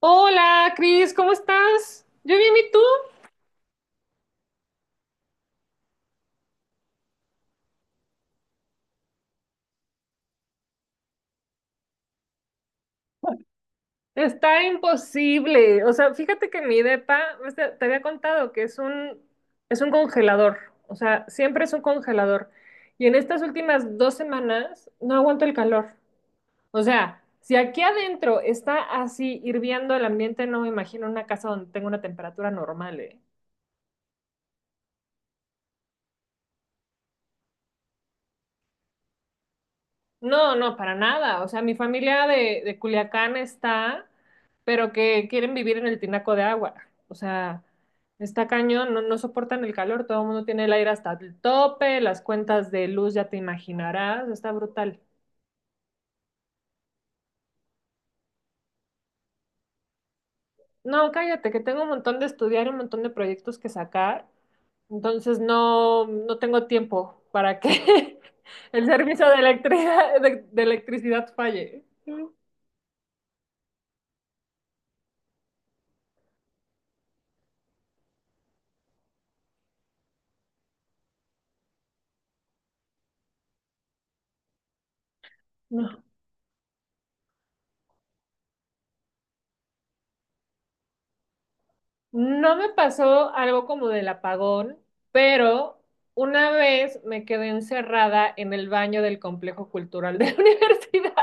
Hola, Cris, ¿cómo estás? Yo bien, ¿y tú? Está imposible. O sea, fíjate que mi depa, ves, te había contado que es es un congelador. O sea, siempre es un congelador. Y en estas últimas dos semanas no aguanto el calor. O sea, si aquí adentro está así hirviendo el ambiente, no me imagino una casa donde tenga una temperatura normal, ¿eh? No, no, para nada. O sea, mi familia de Culiacán está, pero que quieren vivir en el tinaco de agua. O sea, está cañón, no, no soportan el calor, todo el mundo tiene el aire hasta el tope, las cuentas de luz ya te imaginarás, está brutal. No, cállate, que tengo un montón de estudiar y un montón de proyectos que sacar, entonces no, no tengo tiempo para que el servicio de electricidad, de electricidad falle. No. No me pasó algo como del apagón, pero una vez me quedé encerrada en el baño del complejo cultural de la universidad.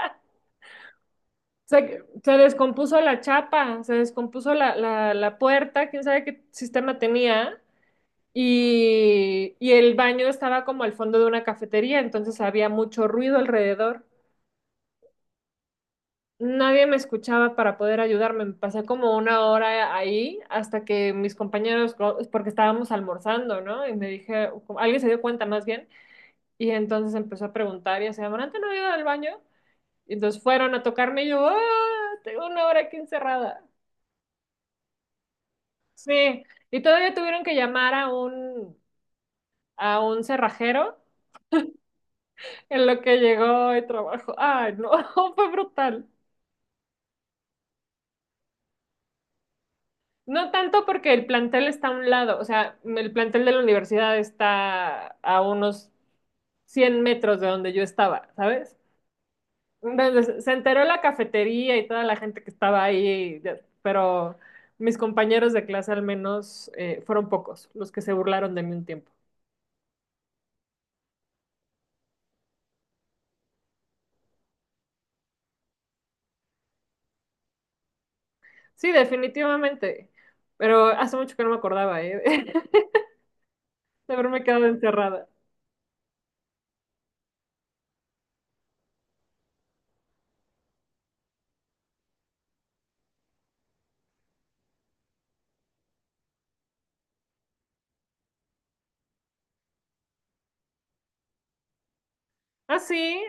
Se descompuso la chapa, se descompuso la puerta, quién sabe qué sistema tenía, y el baño estaba como al fondo de una cafetería, entonces había mucho ruido alrededor. Nadie me escuchaba para poder ayudarme. Me pasé como una hora ahí hasta que mis compañeros, porque estábamos almorzando, ¿no? Y me dije, alguien se dio cuenta más bien, y entonces empezó a preguntar y así, ¿Amarante no ha ido al baño? Y entonces fueron a tocarme y yo, ¡ah! Tengo una hora aquí encerrada. Sí, y todavía tuvieron que llamar a un cerrajero en lo que llegó y trabajo. Ay, no, fue brutal. No tanto porque el plantel está a un lado, o sea, el plantel de la universidad está a unos 100 metros de donde yo estaba, ¿sabes? Entonces, se enteró la cafetería y toda la gente que estaba ahí, pero mis compañeros de clase al menos fueron pocos los que se burlaron de mí un tiempo. Sí, definitivamente, pero hace mucho que no me acordaba, ¿eh? de haberme quedado encerrada. Ah, sí,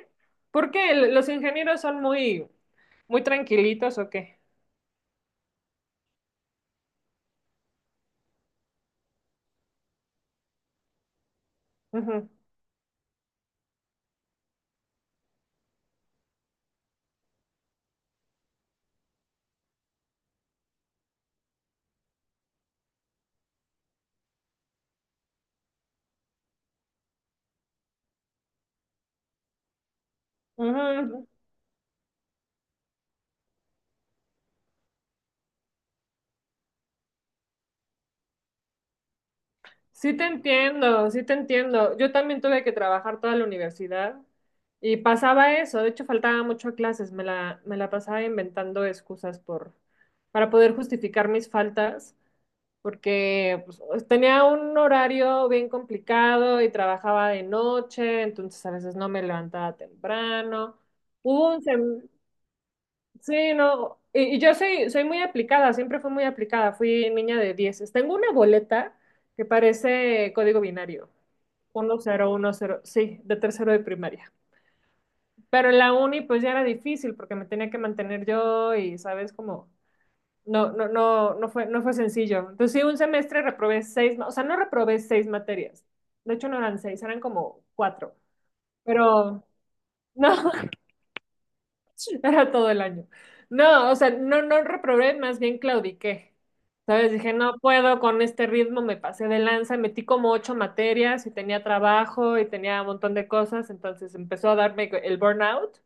¿por qué? ¿Los ingenieros son muy tranquilitos o qué? Ujú. Ujú. Sí te entiendo, sí te entiendo. Yo también tuve que trabajar toda la universidad y pasaba eso. De hecho, faltaba mucho a clases. Me la pasaba inventando excusas para poder justificar mis faltas, porque pues, tenía un horario bien complicado y trabajaba de noche, entonces a veces no me levantaba temprano. Hubo un, sem- Sí, no, y yo soy, soy muy aplicada, siempre fui muy aplicada, fui niña de 10. Tengo una boleta que parece código binario, uno uno cero uno cero, sí, de tercero de primaria. Pero en la uni pues ya era difícil porque me tenía que mantener yo y sabes como no, no, no fue, no fue sencillo. Entonces sí, un semestre o sea, no reprobé seis materias. De hecho no eran seis, eran como cuatro. Pero no, era todo el año. No, o sea, no, no reprobé, más bien claudiqué. ¿Sabes? Dije, no puedo con este ritmo, me pasé de lanza, metí como ocho materias y tenía trabajo y tenía un montón de cosas, entonces empezó a darme el burnout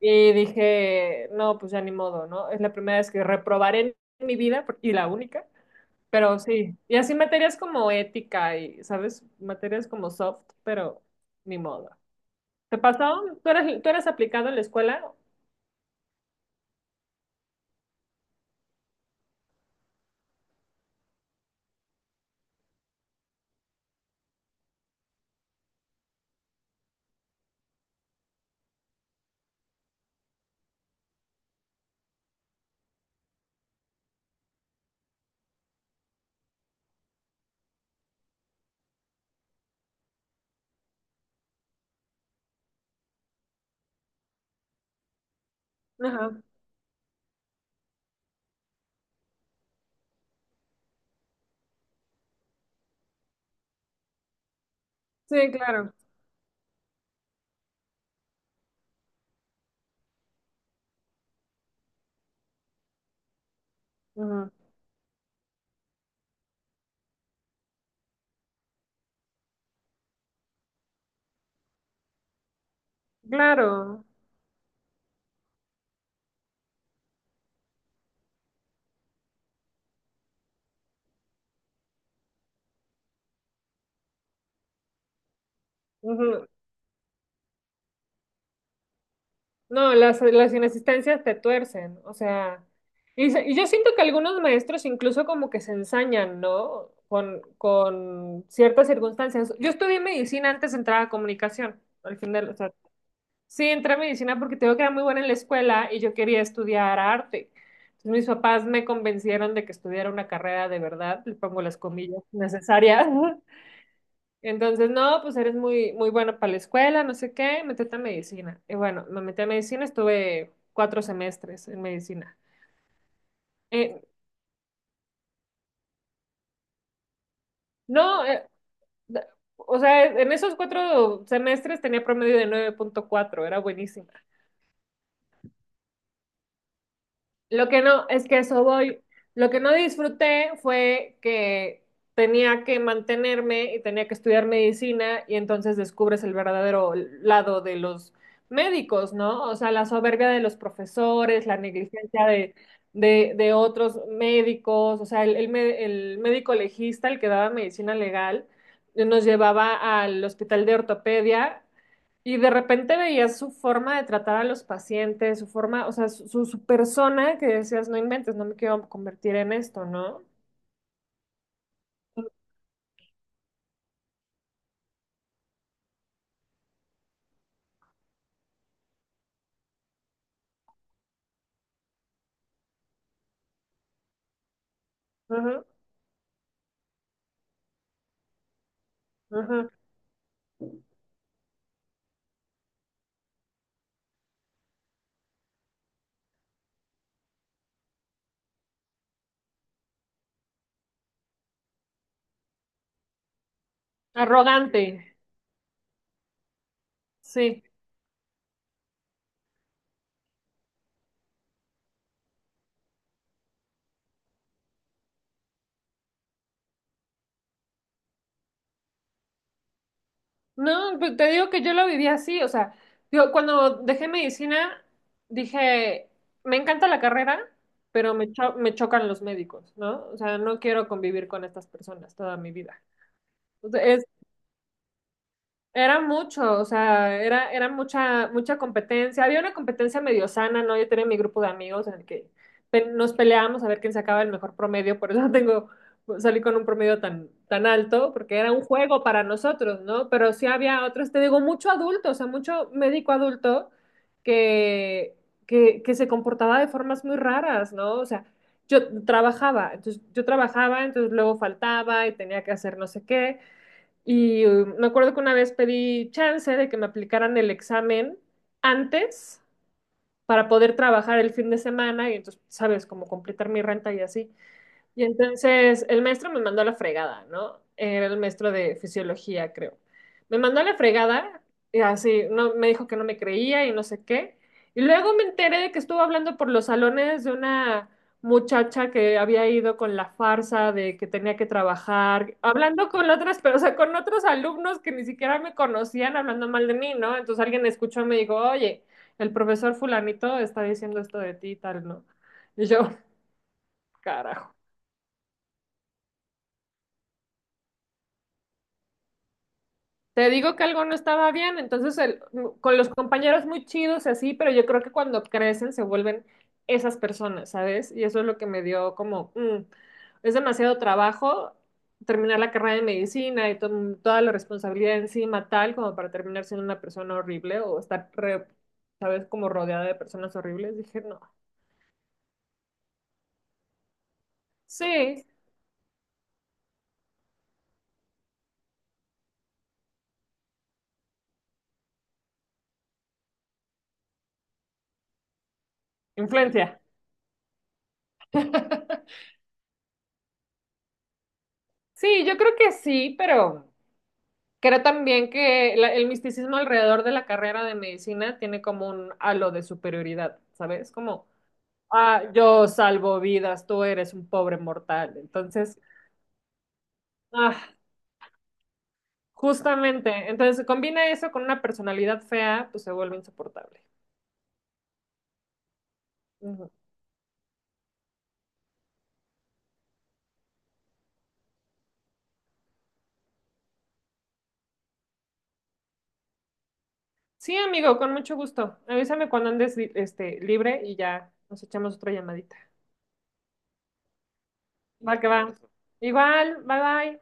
y dije, no, pues ya ni modo, ¿no? Es la primera vez que reprobaré en mi vida y la única, pero sí. Y así materias como ética y, ¿sabes? Materias como soft, pero ni modo. ¿Te pasó? ¿Tú eres aplicado en la escuela? Ajá. Sí, claro. Ujú. Claro. Ujú. No, las inasistencias te tuercen, o sea, y yo siento que algunos maestros incluso como que se ensañan, ¿no? Con ciertas circunstancias. Yo estudié medicina antes de entrar a comunicación, al final, o sea, sí entré a medicina porque tengo que era muy buena en la escuela y yo quería estudiar arte. Entonces mis papás me convencieron de que estudiara una carrera de verdad, le pongo las comillas necesarias. Entonces, no, pues eres muy, muy bueno para la escuela, no sé qué, metete a medicina. Y bueno, me metí a medicina, estuve cuatro semestres en medicina. Eh, no, da- O sea, en esos cuatro semestres tenía promedio de 9.4, era buenísima. Lo que no, es que eso voy. Lo que no disfruté fue que tenía que mantenerme y tenía que estudiar medicina y entonces descubres el verdadero lado de los médicos, ¿no? O sea, la soberbia de los profesores, la negligencia de otros médicos, o sea, el médico legista, el que daba medicina legal, nos llevaba al hospital de ortopedia y de repente veías su forma de tratar a los pacientes, su forma, o sea, su persona que decías, no inventes, no me quiero convertir en esto, ¿no? Ujú, ujú. Arrogante, sí. No, pues, te digo que yo lo viví así, o sea, digo, cuando dejé medicina, dije, me encanta la carrera, pero me chocan los médicos, ¿no? O sea, no quiero convivir con estas personas toda mi vida. Era mucho, o sea, era, era mucha, mucha competencia. Había una competencia medio sana, ¿no? Yo tenía mi grupo de amigos en el que nos peleábamos a ver quién sacaba el mejor promedio, por eso tengo, salí con un promedio tan, tan alto, porque era un juego para nosotros, ¿no? Pero sí había otros, te digo, mucho adulto, o sea, mucho médico adulto que, que se comportaba de formas muy raras, ¿no? O sea, yo trabajaba, entonces luego faltaba y tenía que hacer no sé qué. Y me acuerdo que una vez pedí chance de que me aplicaran el examen antes para poder trabajar el fin de semana y entonces, sabes, como completar mi renta y así. Y entonces el maestro me mandó a la fregada, ¿no? Era el maestro de fisiología, creo. Me mandó a la fregada y así, no, me dijo que no me creía y no sé qué. Y luego me enteré de que estuvo hablando por los salones de una muchacha que había ido con la farsa de que tenía que trabajar, hablando con otras, pero, o sea, con otros alumnos que ni siquiera me conocían, hablando mal de mí, ¿no? Entonces alguien escuchó y me dijo, oye, el profesor fulanito está diciendo esto de ti y tal, ¿no? Y yo, carajo. Te digo que algo no estaba bien, con los compañeros muy chidos y así, pero yo creo que cuando crecen se vuelven esas personas, ¿sabes? Y eso es lo que me dio como, mm, es demasiado trabajo terminar la carrera de medicina y toda la responsabilidad encima tal como para terminar siendo una persona horrible o ¿sabes? Como rodeada de personas horribles. Dije, no. Sí, influencia. Sí, yo creo que sí, pero... Creo también que el misticismo alrededor de la carrera de medicina tiene como un halo de superioridad, ¿sabes? Como, ah, yo salvo vidas, tú eres un pobre mortal. Entonces, ah, justamente, entonces se combina eso con una personalidad fea, pues se vuelve insoportable. Ujú. Sí, amigo, con mucho gusto. Avísame cuando andes este, libre y ya nos echamos otra llamadita. Va que va. Igual, bye bye.